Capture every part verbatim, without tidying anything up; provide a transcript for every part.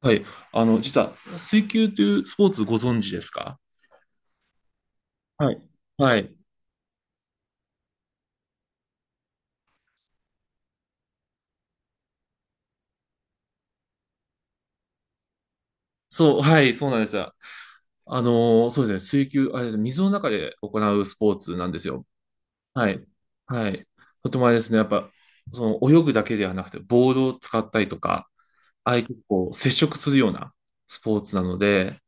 はい。あの、実は、水球というスポーツご存知ですか？はい。はい。そう、はい、そうなんですよ。あのーそうですね、水球、あれですね、水の中で行うスポーツなんですよ。はい。はい。とてもあれですね、やっぱ、その泳ぐだけではなくて、ボールを使ったりとか、相手とこう接触するようなスポーツなので、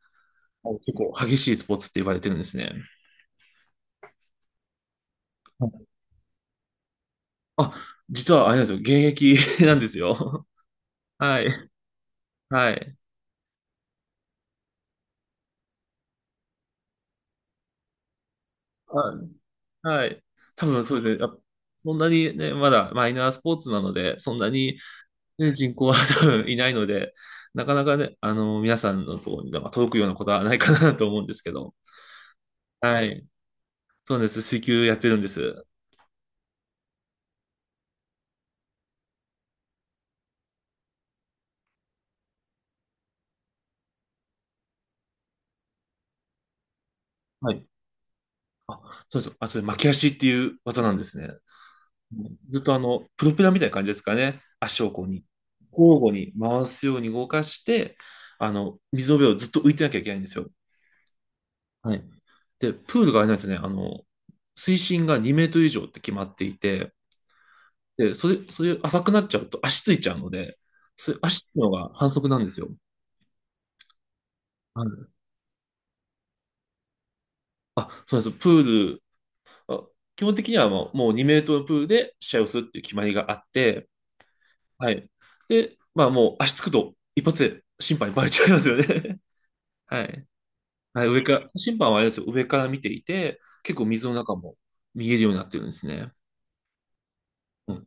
結構激しいスポーツって言われてるんですね。はい。あ、実はあれなんですよ、現役 なんですよ。はい。はい。はい。はい。多分そうですね。やっぱそんなにね、まだマイナースポーツなので、そんなに、ね、人口は多分いないので、なかなかね、あの、皆さんのところになんか届くようなことはないかなと思うんですけど。はい。そうなんです。水球やってるんです。はい。そうです。あ、それ巻き足っていう技なんですね。ずっとあの、プロペラみたいな感じですかね。足をこうに、交互に回すように動かして、あの、水の上をずっと浮いてなきゃいけないんですよ。はい。で、プールがあれなんですよね。あの、水深がにメートル以上って決まっていて、で、それ、そういう浅くなっちゃうと足ついちゃうので、それ足つくのが反則なんですよ。はい。あ、そうなんです。プール、あ基本的にはもう、もうにメートルのプールで試合をするっていう決まりがあって、はい。で、まあもう足つくと一発で審判にバレちゃいますよね。はい。はい、上から、審判はあれですよ、上から見ていて、結構水の中も見えるようになってるんですね。うん。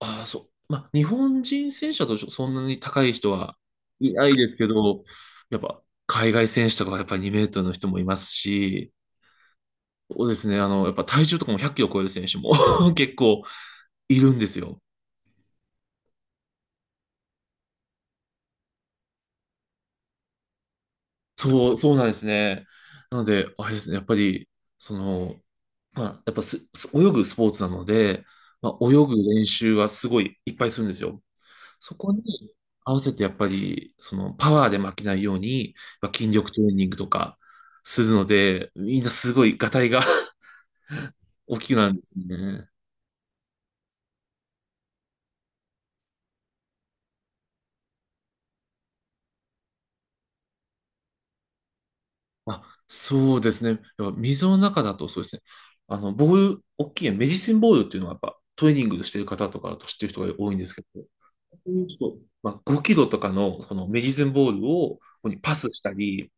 ああ、そう。まあ、日本人選手だとそんなに高い人はいないですけど、やっぱ海外選手とかはやっぱにメートルの人もいますし、そうですね、あの、やっぱ体重とかもひゃっキロ超える選手も 結構いるんですよ。そう、そうなんですね。なので、あれですね、やっぱり、その、まあ、やっぱす、す泳ぐスポーツなので、まあ、泳ぐ練習はすごいいっぱいするんですよ。そこに合わせてやっぱり、そのパワーで負けないように、まあ筋力トレーニングとかするので、みんなすごいガタイが 大きくなるんですね。あ、そうですね。やっぱ水の中だとそうですね。あの、ボール、大きいメディシンボールっていうのはやっぱトレーニングしてる方とかだと知ってる人が多いんですけど、こういうちょっと、まあ、ごキロとかのこのメディシンボールをここにパスしたり、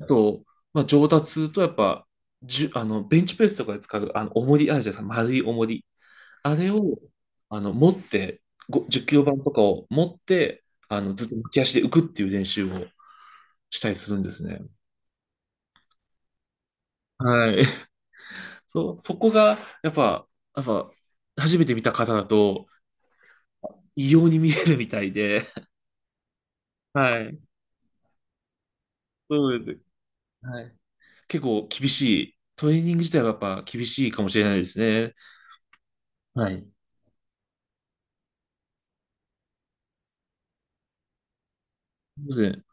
あと、まあ、上達するとやっぱ、じゅ、あの、ベンチプレスとかで使う、あの、重りあるじゃないですか、丸い重り。あれを、あの、持って、ごじゅっキロ板とかを持って、あの、ずっと浮き足で浮くっていう練習をしたりするんですね。はい。そ、そこが、やっぱ、やっぱ、初めて見た方だと、異様に見えるみたいで、はい。そうです。はい。結構厳しい。トレーニング自体はやっぱ厳しいかもしれないですね。はい。そうですね。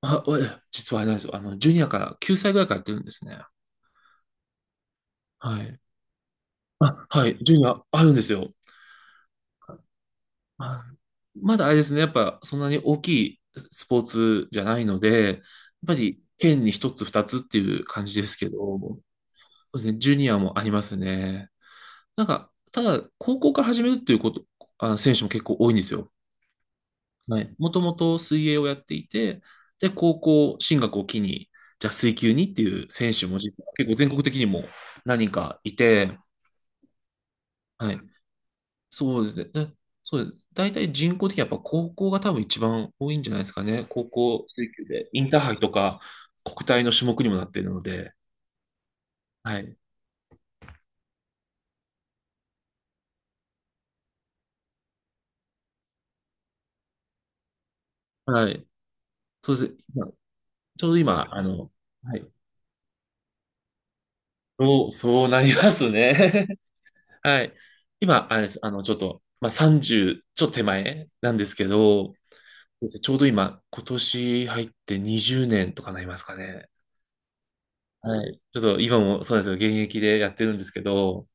あ、わ実はあれなんですよ。あの、ジュニアから、きゅうさいぐらいからやってるんですね。はい。あ、はい。ジュニア、あるんですよ。まあまだあれですね、やっぱそんなに大きいスポーツじゃないので、やっぱり県に一つ二つっていう感じですけど、そうですね、ジュニアもありますね。なんか、ただ、高校から始めるっていうこと、あ、選手も結構多いんですよ。はい。もともと水泳をやっていて、で、高校進学を機に、じゃあ水球にっていう選手も実は結構全国的にも何人かいて、はい。そうですね。で、そうです。大体人口的にやっぱ高校が多分一番多いんじゃないですかね。高校水球で。インターハイとか国体の種目にもなっているので。はい。はい。そうです。今ちょうど今、あの、はい。そう、そうなりますね。はい。今、あれです。あの、ちょっと、まあ、さんじゅう、ちょっと手前なんですけど、そうですね、ちょうど今、今年入ってにじゅうねんとかなりますかね。はい。ちょっと今もそうなんですよ。現役でやってるんですけど、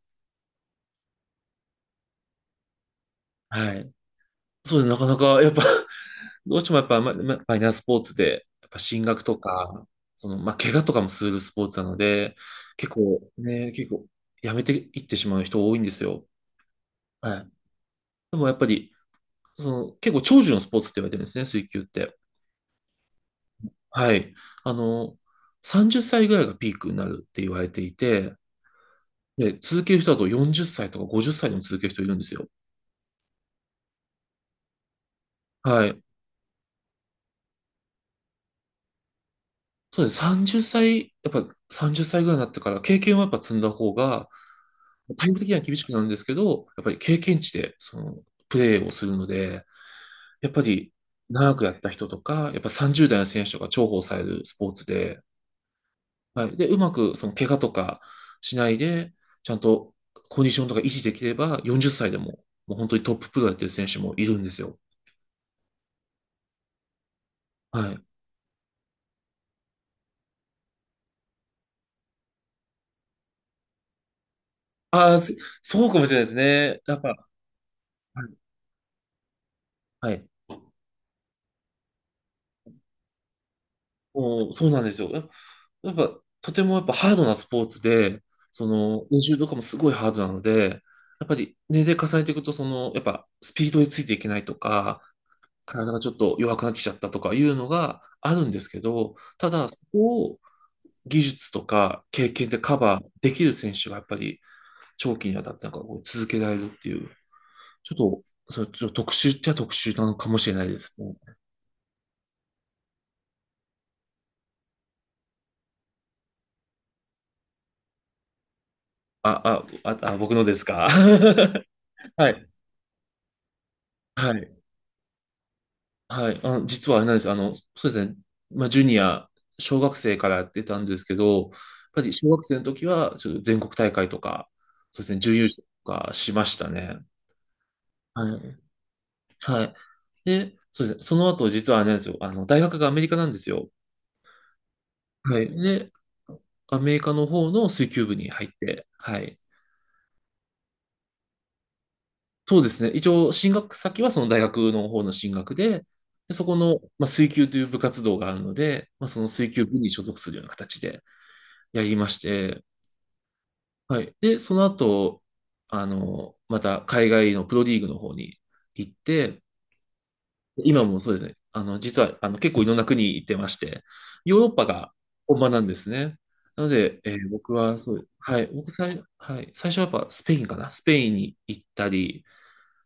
はい。そうですね。なかなか、やっぱ どうしてもやっぱ、ま、まマイナースポーツで、やっぱ進学とか、その、まあ、怪我とかもするスポーツなので、結構ね、結構、やめていってしまう人多いんですよ。はい。でもやっぱり、その、結構長寿のスポーツって言われてるんですね、水球って。はい。あの、さんじゅっさいぐらいがピークになるって言われていて、で、続ける人だとよんじゅっさいとかごじゅっさいでも続ける人いるんですよ。はい。そうです。さんじゅっさい、やっぱさんじゅっさいぐらいになってから経験はやっぱ積んだ方が、対応的には厳しくなるんですけど、やっぱり経験値でそのプレーをするので、やっぱり長くやった人とか、やっぱさんじゅう代の選手とか重宝されるスポーツで、はい。で、うまくその怪我とかしないで、ちゃんとコンディションとか維持できれば、よんじゅっさいでも、もう本当にトッププロやってる選手もいるんですよ。はい。ああ、そそうかもしれないですね。やっぱ、はい。はい。もう、そうなんですよ。やっぱ、やっぱとてもやっぱハードなスポーツで、その、練習とかもすごいハードなので、やっぱり年齢重ねていくと、その、やっぱスピードについていけないとか、体がちょっと弱くなってきちゃったとかいうのがあるんですけど、ただ、そこを技術とか経験でカバーできる選手がやっぱり長期にわたってなんかこう続けられるっていう、ちょっと、それちょっと特殊っちゃ特殊なのかもしれないですね。あ、あ、あ、あ僕のですか？ はい。はい。はい、あ、実はあれなんです。あの、そうですね。まあ、ジュニア、小学生からやってたんですけど、やっぱり小学生の時は、ちょっと全国大会とか、そうですね、準優勝とかしましたね。はい。はい。で、そうですね、その後、実はあれなんですよ。あの、大学がアメリカなんですよ。はい。で、アメリカの方の水球部に入って、はい。そうですね。一応、進学先はその大学の方の進学で、でそこの、まあ、水球という部活動があるので、まあ、その水球部に所属するような形で、やりまして、はい。で、その後、あの、また海外のプロリーグの方に行って、今もそうですね、あの、実は、あの、結構いろんな国行ってまして、ヨーロッパが本場なんですね。なので、えー僕は、そう、はい、僕最、はい、最初はやっぱスペインかな、スペインに行ったり、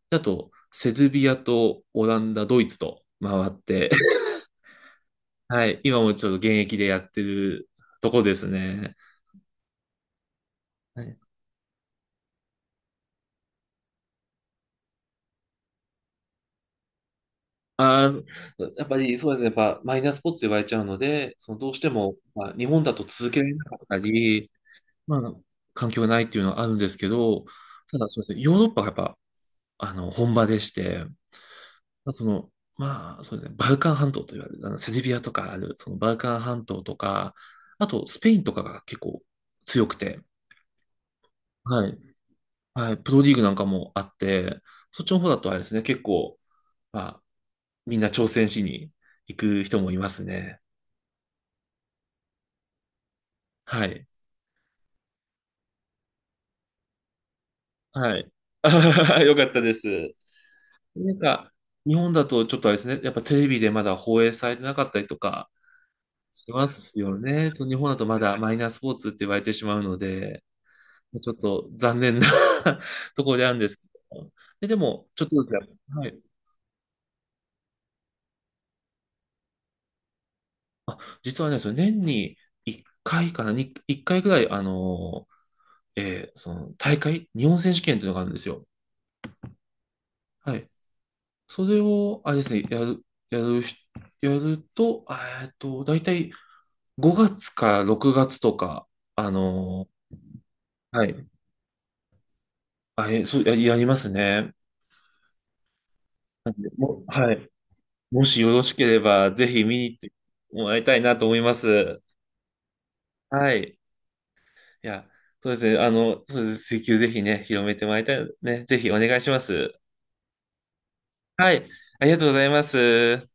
あと、セルビアとオランダ、ドイツと回って、はい、今もちょっと現役でやってるとこですね。はい。ああ、そ やっぱりそうですね。やっぱマイナースポーツと言われちゃうので、そのどうしても、まあ、日本だと続けられなかったり、まあ、環境がないっていうのはあるんですけど、ただそうですね、ヨーロッパがやっぱ、あの、本場でして、まあ、その、まあ、そうですね、バルカン半島と言われる、あのセルビアとかある、そのバルカン半島とか、あとスペインとかが結構強くて、はい、はい、プロリーグなんかもあって、そっちの方だとあれですね、結構、まあ、みんな挑戦しに行く人もいますね。はい。はい。よかったです。なんか、日本だとちょっとあれですね、やっぱテレビでまだ放映されてなかったりとかしますよね。ちょっと日本だとまだマイナースポーツって言われてしまうので、ちょっと残念な ところであるんですけど。で、でも、ちょっとずつや、はい。あ、実はね、その年にいっかいかいかな、にいっかいぐらい、あの、えーその大会、日本選手権というのがあるんですよ。はい。それを、あれですね、やる、やる人、やると、あえっと、大体ごがつかろくがつとか、あのーはい。あ、え、そう、や、やりますね。なんでも、はい。もしよろしければ、ぜひ見に行ってもらいたいなと思います。はい。いや、そうですね。あの、そうです。請求ぜひね、広めてもらいたい。ね、ぜひお願いします。はい。ありがとうございます。